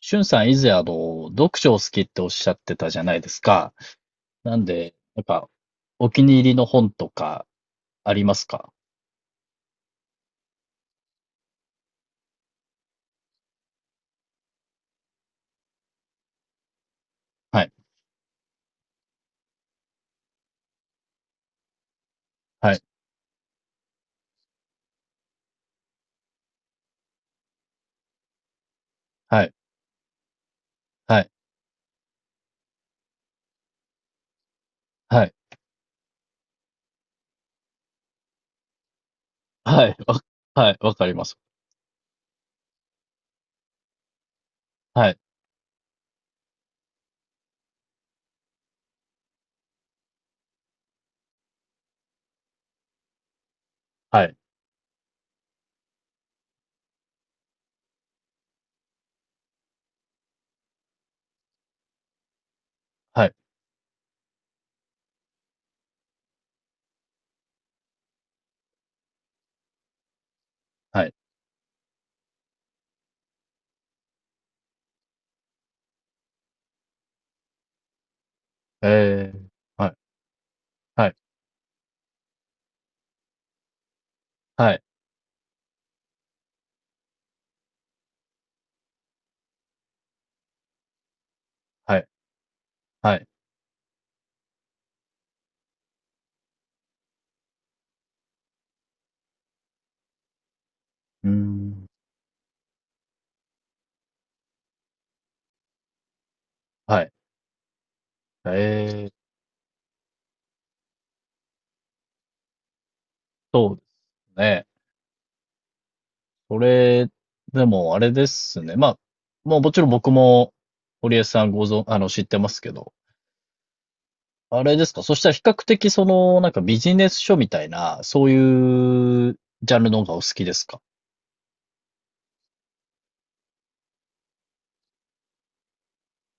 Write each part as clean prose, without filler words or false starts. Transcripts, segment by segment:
しゅんさん以前読書を好きっておっしゃってたじゃないですか。なんで、やっぱ、お気に入りの本とかありますか？はい、はい、はい、はい、はい、はい、わ、はい、わかります。はい、はい、はい、はい、えー、はい、はい、はい、はい、はい、うーん、はい、えー、そうですね。それ、でもあれですか、そしたら比較的その、なんかビジネス書みたいな、そういうジャンルの方がお好きですか？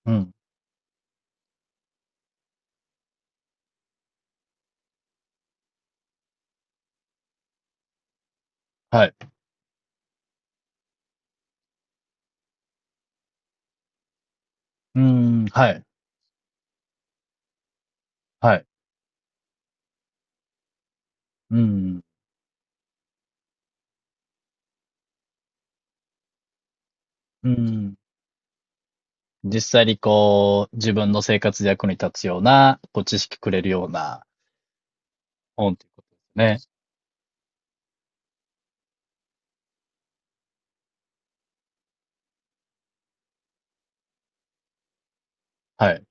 うん。はい。うん、はい。はい。うん、うん。実際にこう、自分の生活で役に立つような、こう、知識くれるような本っていうことですね。はい。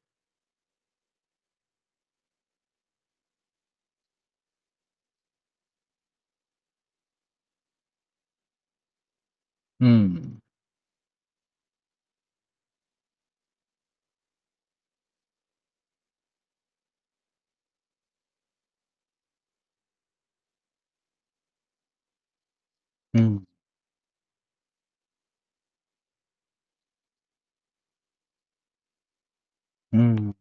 うん、うん、うん。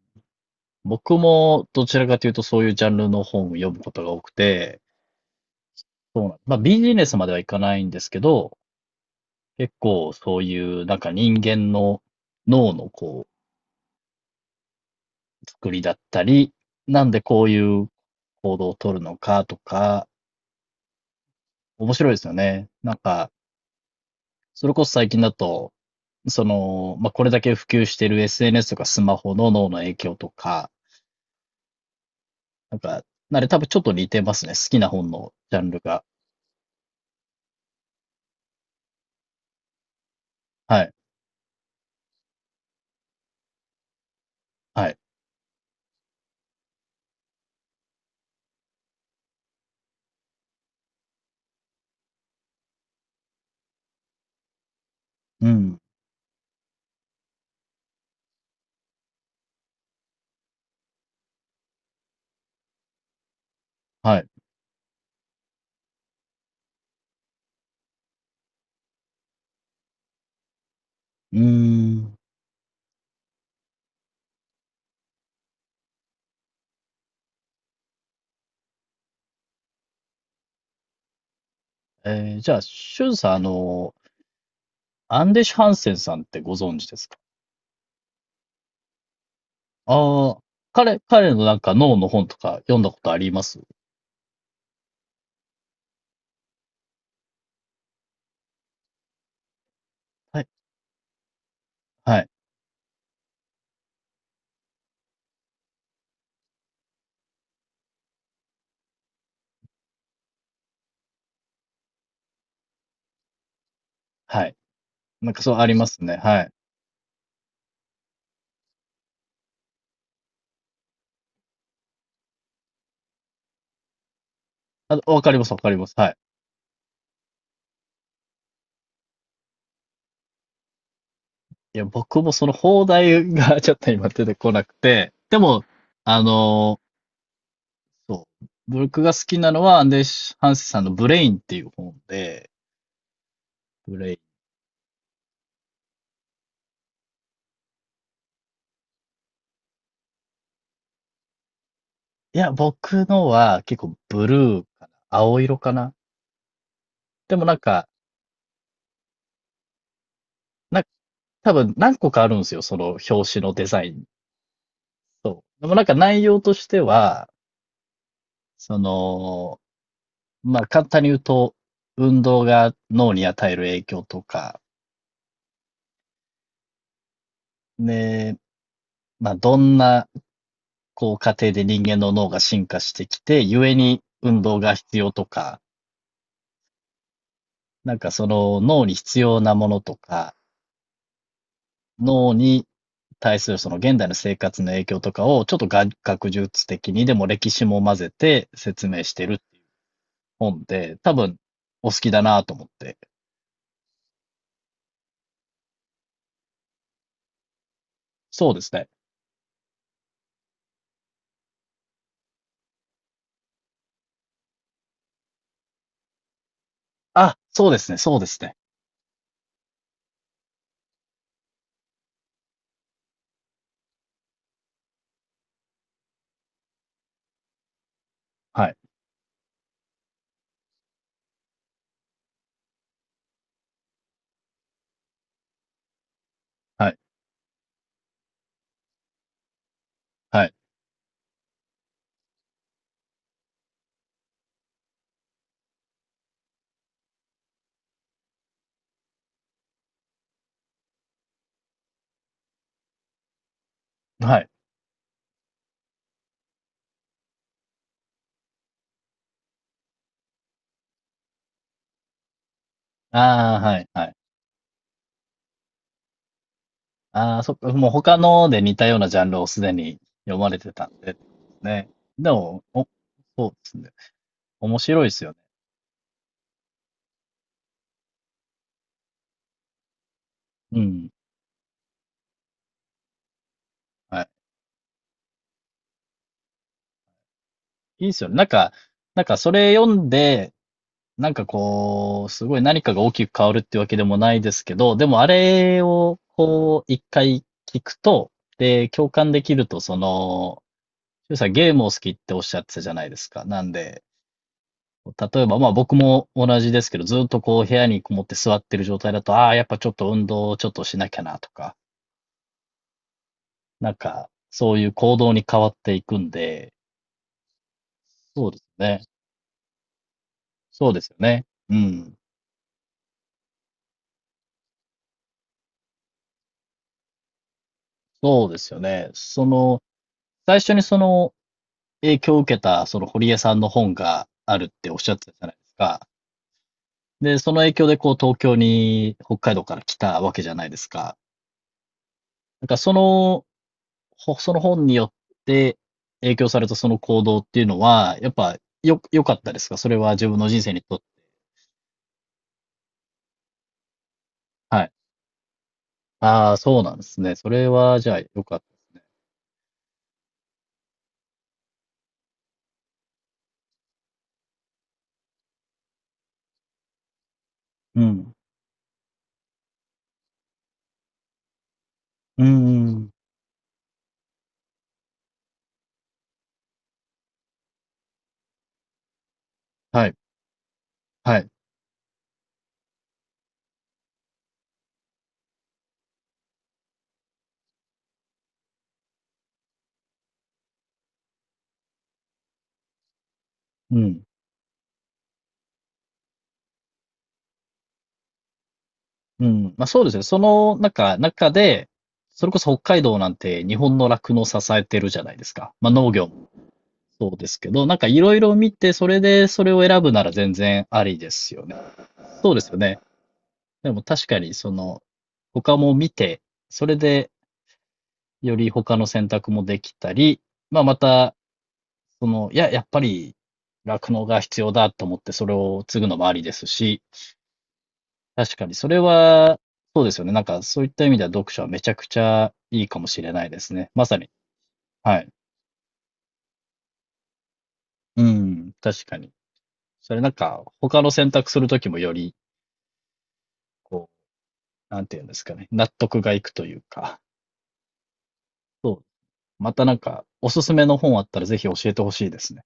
僕もどちらかというとそういうジャンルの本を読むことが多くて、そうなん、まあビジネスまではいかないんですけど、結構そういうなんか人間の脳のこう作りだったり、なんでこういう行動を取るのかとか、面白いですよね。なんか、それこそ最近だと、その、まあ、これだけ普及している SNS とかスマホの脳の影響とか、なんか、あれ多分ちょっと似てますね。好きな本のジャンルが。はい。はい。うん。はい。うーん。えーじゃあ、シュンさん、アンデシュ・ハンセンさんってご存知ですか？ああ、彼のなんか脳の本とか読んだことあります？はい。はい。はい。なんかそうありますね。はい。あ、わかります、わかります。はい。いや、僕もその邦題が ちょっと今出てこなくて、でも、あのそう。僕が好きなのはアンデシュ・ハンセさんのブレインっていう本で、ブレイン。いや、僕のは結構ブルーかな。青色かな。でもなんか、な、多分何個かあるんですよ。その表紙のデザイン。そう。でもなんか内容としては、その、まあ、簡単に言うと、運動が脳に与える影響とか、で、まあ、どんな、こう、過程で人間の脳が進化してきて、故に運動が必要とか、なんかその脳に必要なものとか、脳に対するその現代の生活の影響とかを、ちょっと学術的にでも歴史も混ぜて説明してる本で、多分お好きだなと思って。そうですね。あ、そうですね、そうですね。はい、はい、はい。はい。ああ、はい、はい。ああ、そっか、もう他ので似たようなジャンルをすでに読まれてたんで、ね。でも、お、そうですね。面白いですよね。うん。はい。いいですよね。なんか、なんかそれ読んで、なんかこう、すごい何かが大きく変わるってわけでもないですけど、でもあれをこう、一回聞くと、で、共感できると、その、しゅうさんゲームを好きっておっしゃってたじゃないですか。なんで、例えば、まあ僕も同じですけど、ずっとこう部屋にこもって座ってる状態だと、ああ、やっぱちょっと運動をちょっとしなきゃなとか、なんか、そういう行動に変わっていくんで、そうですね。そうですよね。うん。そうですよね。その、最初にその影響を受けた、その堀江さんの本があるっておっしゃってたじゃないですか。で、その影響でこう東京に北海道から来たわけじゃないですか。なんかそのその本によって影響された、その行動っていうのは、やっぱ良かったですか、それは自分の人生にとって。はい。ああ、そうなんですね。それは、じゃあ、良かった。うん。うん、はい、はい、うん。うん。まあ、そうですね。その、中で、それこそ北海道なんて日本の酪農を支えてるじゃないですか。まあ、農業もそうですけど、なんかいろいろ見て、それでそれを選ぶなら全然ありですよね。そうですよね。でも確かに、その、他も見て、それでより他の選択もできたり、まあ、また、その、いや、やっぱり、酪農が必要だと思って、それを継ぐのもありですし、確かにそれは、そうですよね。なんか、そういった意味では読書はめちゃくちゃいいかもしれないですね。まさに。はい。うん、確かに。それなんか、他の選択するときもより、こう、なんていうんですかね、納得がいくというか、そう。またなんか、おすすめの本あったらぜひ教えてほしいですね。